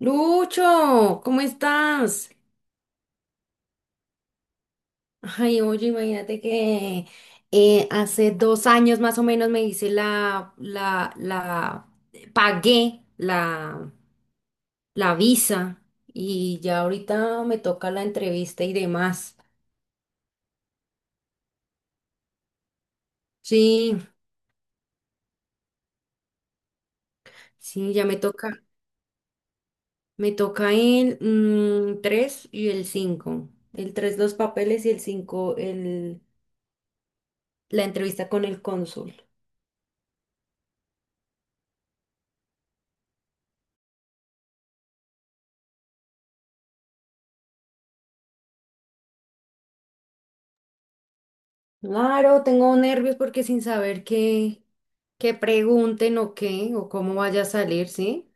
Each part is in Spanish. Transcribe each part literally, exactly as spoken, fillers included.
Lucho, ¿cómo estás? Ay, oye, imagínate que eh, hace dos años más o menos me hice la, la, la, pagué la, la visa y ya ahorita me toca la entrevista y demás. Sí, sí, ya me toca, me toca el mm, tres y el cinco. El tres los papeles y el cinco el, la entrevista con el cónsul. Claro, tengo nervios porque sin saber qué, que pregunten o qué, o cómo vaya a salir, ¿sí?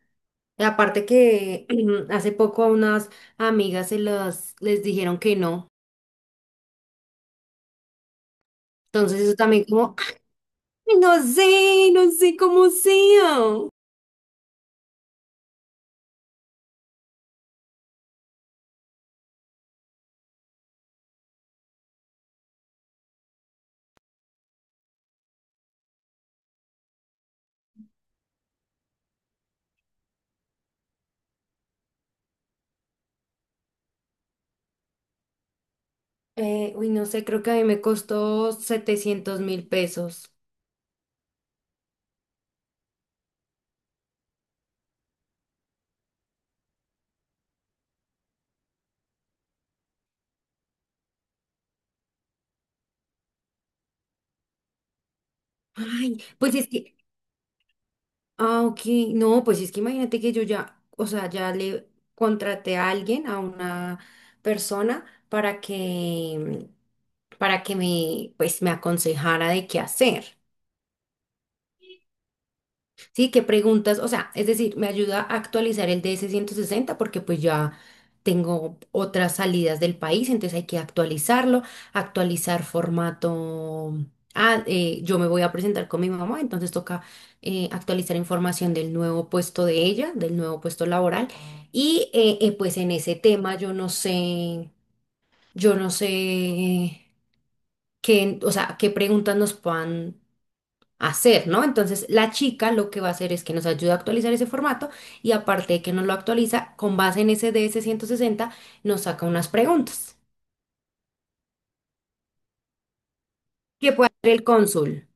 Y aparte que hace poco a unas amigas se las, les dijeron que no. Entonces eso también como, ay, no sé, no sé cómo sea. Eh, uy, no sé, creo que a mí me costó setecientos mil pesos. Ay, pues es que. Ah, ok. No, pues es que imagínate que yo ya, o sea, ya le contraté a alguien, a una persona, para que, para que me, pues, me aconsejara de qué hacer. Sí, qué preguntas, o sea, es decir, me ayuda a actualizar el D S ciento sesenta porque pues ya tengo otras salidas del país, entonces hay que actualizarlo, actualizar formato. Ah, eh, yo me voy a presentar con mi mamá, entonces toca eh, actualizar información del nuevo puesto de ella, del nuevo puesto laboral. Y eh, eh, pues en ese tema yo no sé, yo no sé qué, o sea, qué preguntas nos puedan hacer, ¿no? Entonces, la chica lo que va a hacer es que nos ayuda a actualizar ese formato y aparte de que nos lo actualiza, con base en ese D S sesenta nos saca unas preguntas que puede hacer el cónsul.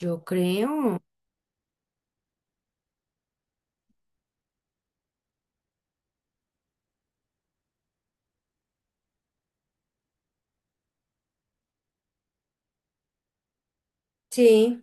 Yo creo. Sí.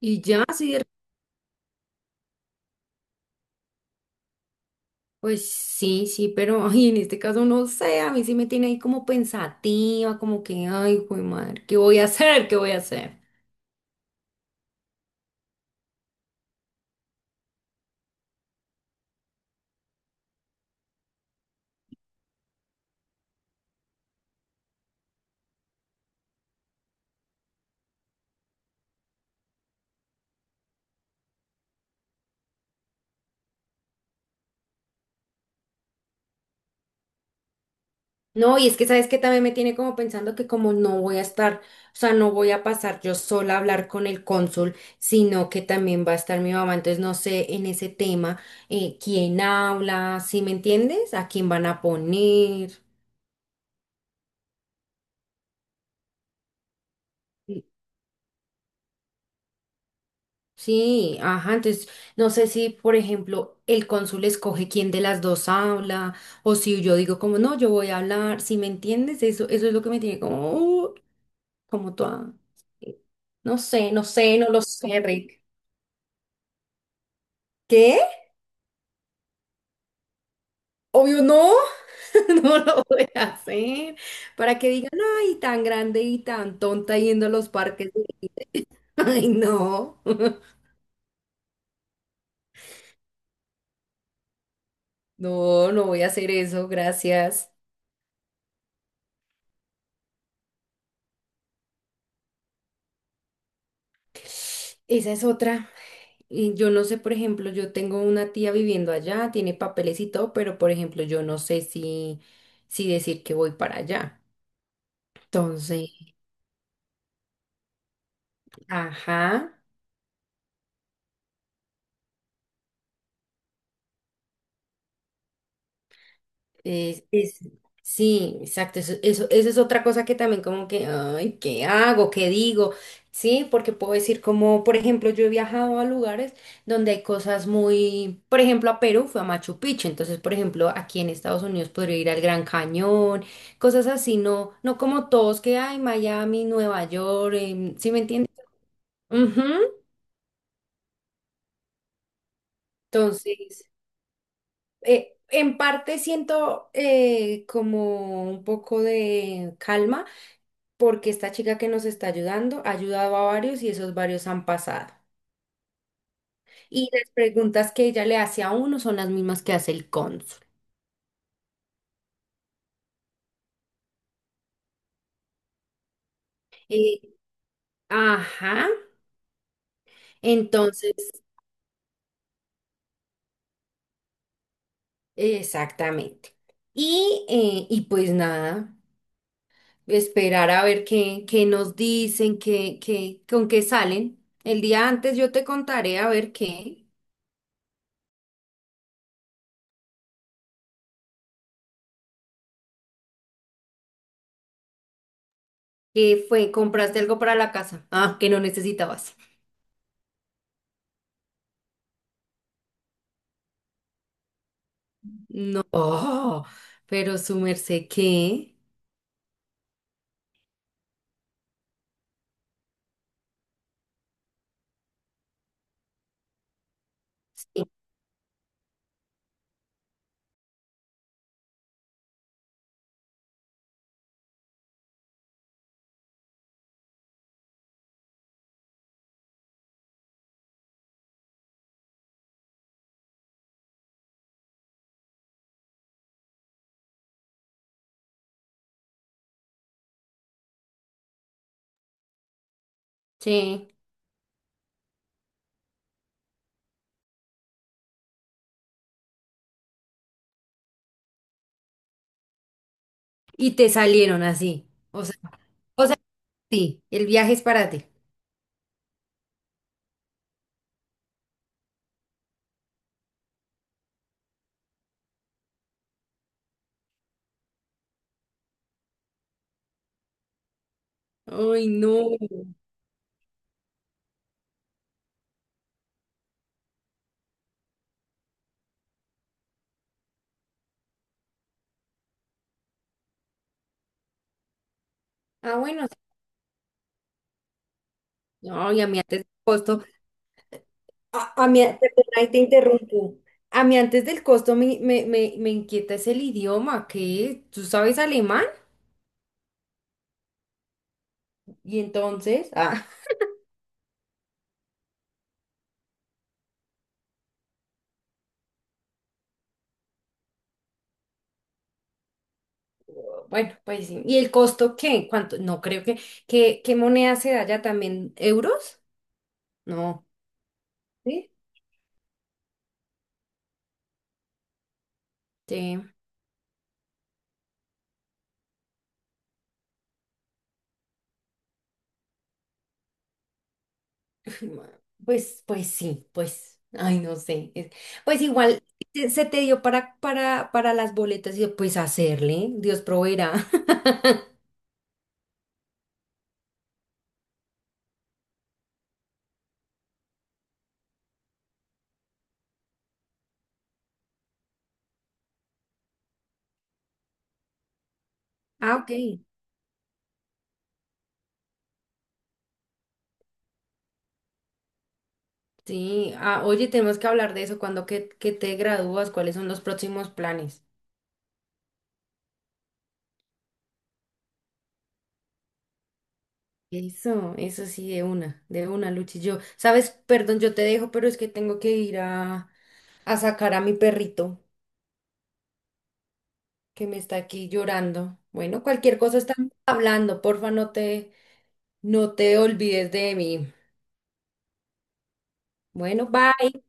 Y ya, sí, de- pues sí, sí, pero ay, en este caso no sé, a mí sí me tiene ahí como pensativa, como que, ay, güey, madre, ¿qué voy a hacer? ¿Qué voy a hacer? No, y es que sabes que también me tiene como pensando que como no voy a estar, o sea, no voy a pasar yo sola a hablar con el cónsul, sino que también va a estar mi mamá. Entonces no sé en ese tema eh, quién habla, ¿sí me entiendes? ¿A quién van a poner? Sí. Sí, ajá. Entonces no sé si, por ejemplo, el cónsul escoge quién de las dos habla, o si yo digo como no, yo voy a hablar, ¿sí me entiendes? Eso, eso es lo que me tiene como, uh, como toda, eh, no sé, no sé, no lo sé, Rick. ¿Qué? Obvio no, no lo voy a hacer. Para que digan, ay, tan grande y tan tonta yendo a los parques. Ay, no, no, no voy a hacer eso, gracias. Esa es otra. Y yo no sé, por ejemplo, yo tengo una tía viviendo allá, tiene papeles y todo, pero por ejemplo, yo no sé si, si decir que voy para allá. Entonces, ajá. Es, es- sí, exacto. Eso, eso, eso es otra cosa que también como que, ay, ¿qué hago? ¿Qué digo? Sí, porque puedo decir como, por ejemplo, yo he viajado a lugares donde hay cosas muy, por ejemplo, a Perú fue a Machu Picchu, entonces, por ejemplo, aquí en Estados Unidos podría ir al Gran Cañón, cosas así, no, no como todos que hay, Miami, Nueva York, em, ¿sí me entiendes? Ujú. Entonces, eh, en parte siento eh, como un poco de calma porque esta chica que nos está ayudando ha ayudado a varios y esos varios han pasado. Y las preguntas que ella le hace a uno son las mismas que hace el cónsul. Eh, ajá, entonces, exactamente. Y, eh, y pues nada, esperar a ver qué, qué nos dicen, qué, qué, con qué salen. El día antes yo te contaré a ver qué, qué fue, compraste algo para la casa. Ah, que no necesitabas. No, oh, pero su merced, ¿qué? Sí. Y te salieron así. O sea, o sea, sí, el viaje es para ti. Ay, no. Ah, bueno, sí. No, y a mí antes del costo, a, a mí, perdona, ahí te interrumpo. A mí antes del costo me, me, me, me inquieta es el idioma, que tú sabes alemán y entonces, ah, bueno, pues sí. ¿Y el costo qué? ¿Cuánto? No creo que, que, ¿qué moneda se da ya también? ¿Euros? No. ¿Sí? Sí. Pues, pues sí, pues, ay, no sé. es- Pues igual te- se te dio para, para, para las boletas y yo, pues hacerle, Dios proveerá. Ah, ok. Sí, ah, oye, tenemos que hablar de eso, cuando que, que te gradúas, cuáles son los próximos planes. Eso, eso sí, de una, de una, Luchi. Yo, sabes, perdón, yo te dejo, pero es que tengo que ir a, a sacar a mi perrito que me está aquí llorando. Bueno, cualquier cosa estamos hablando, porfa, no te, no te olvides de mí. Bueno, bye.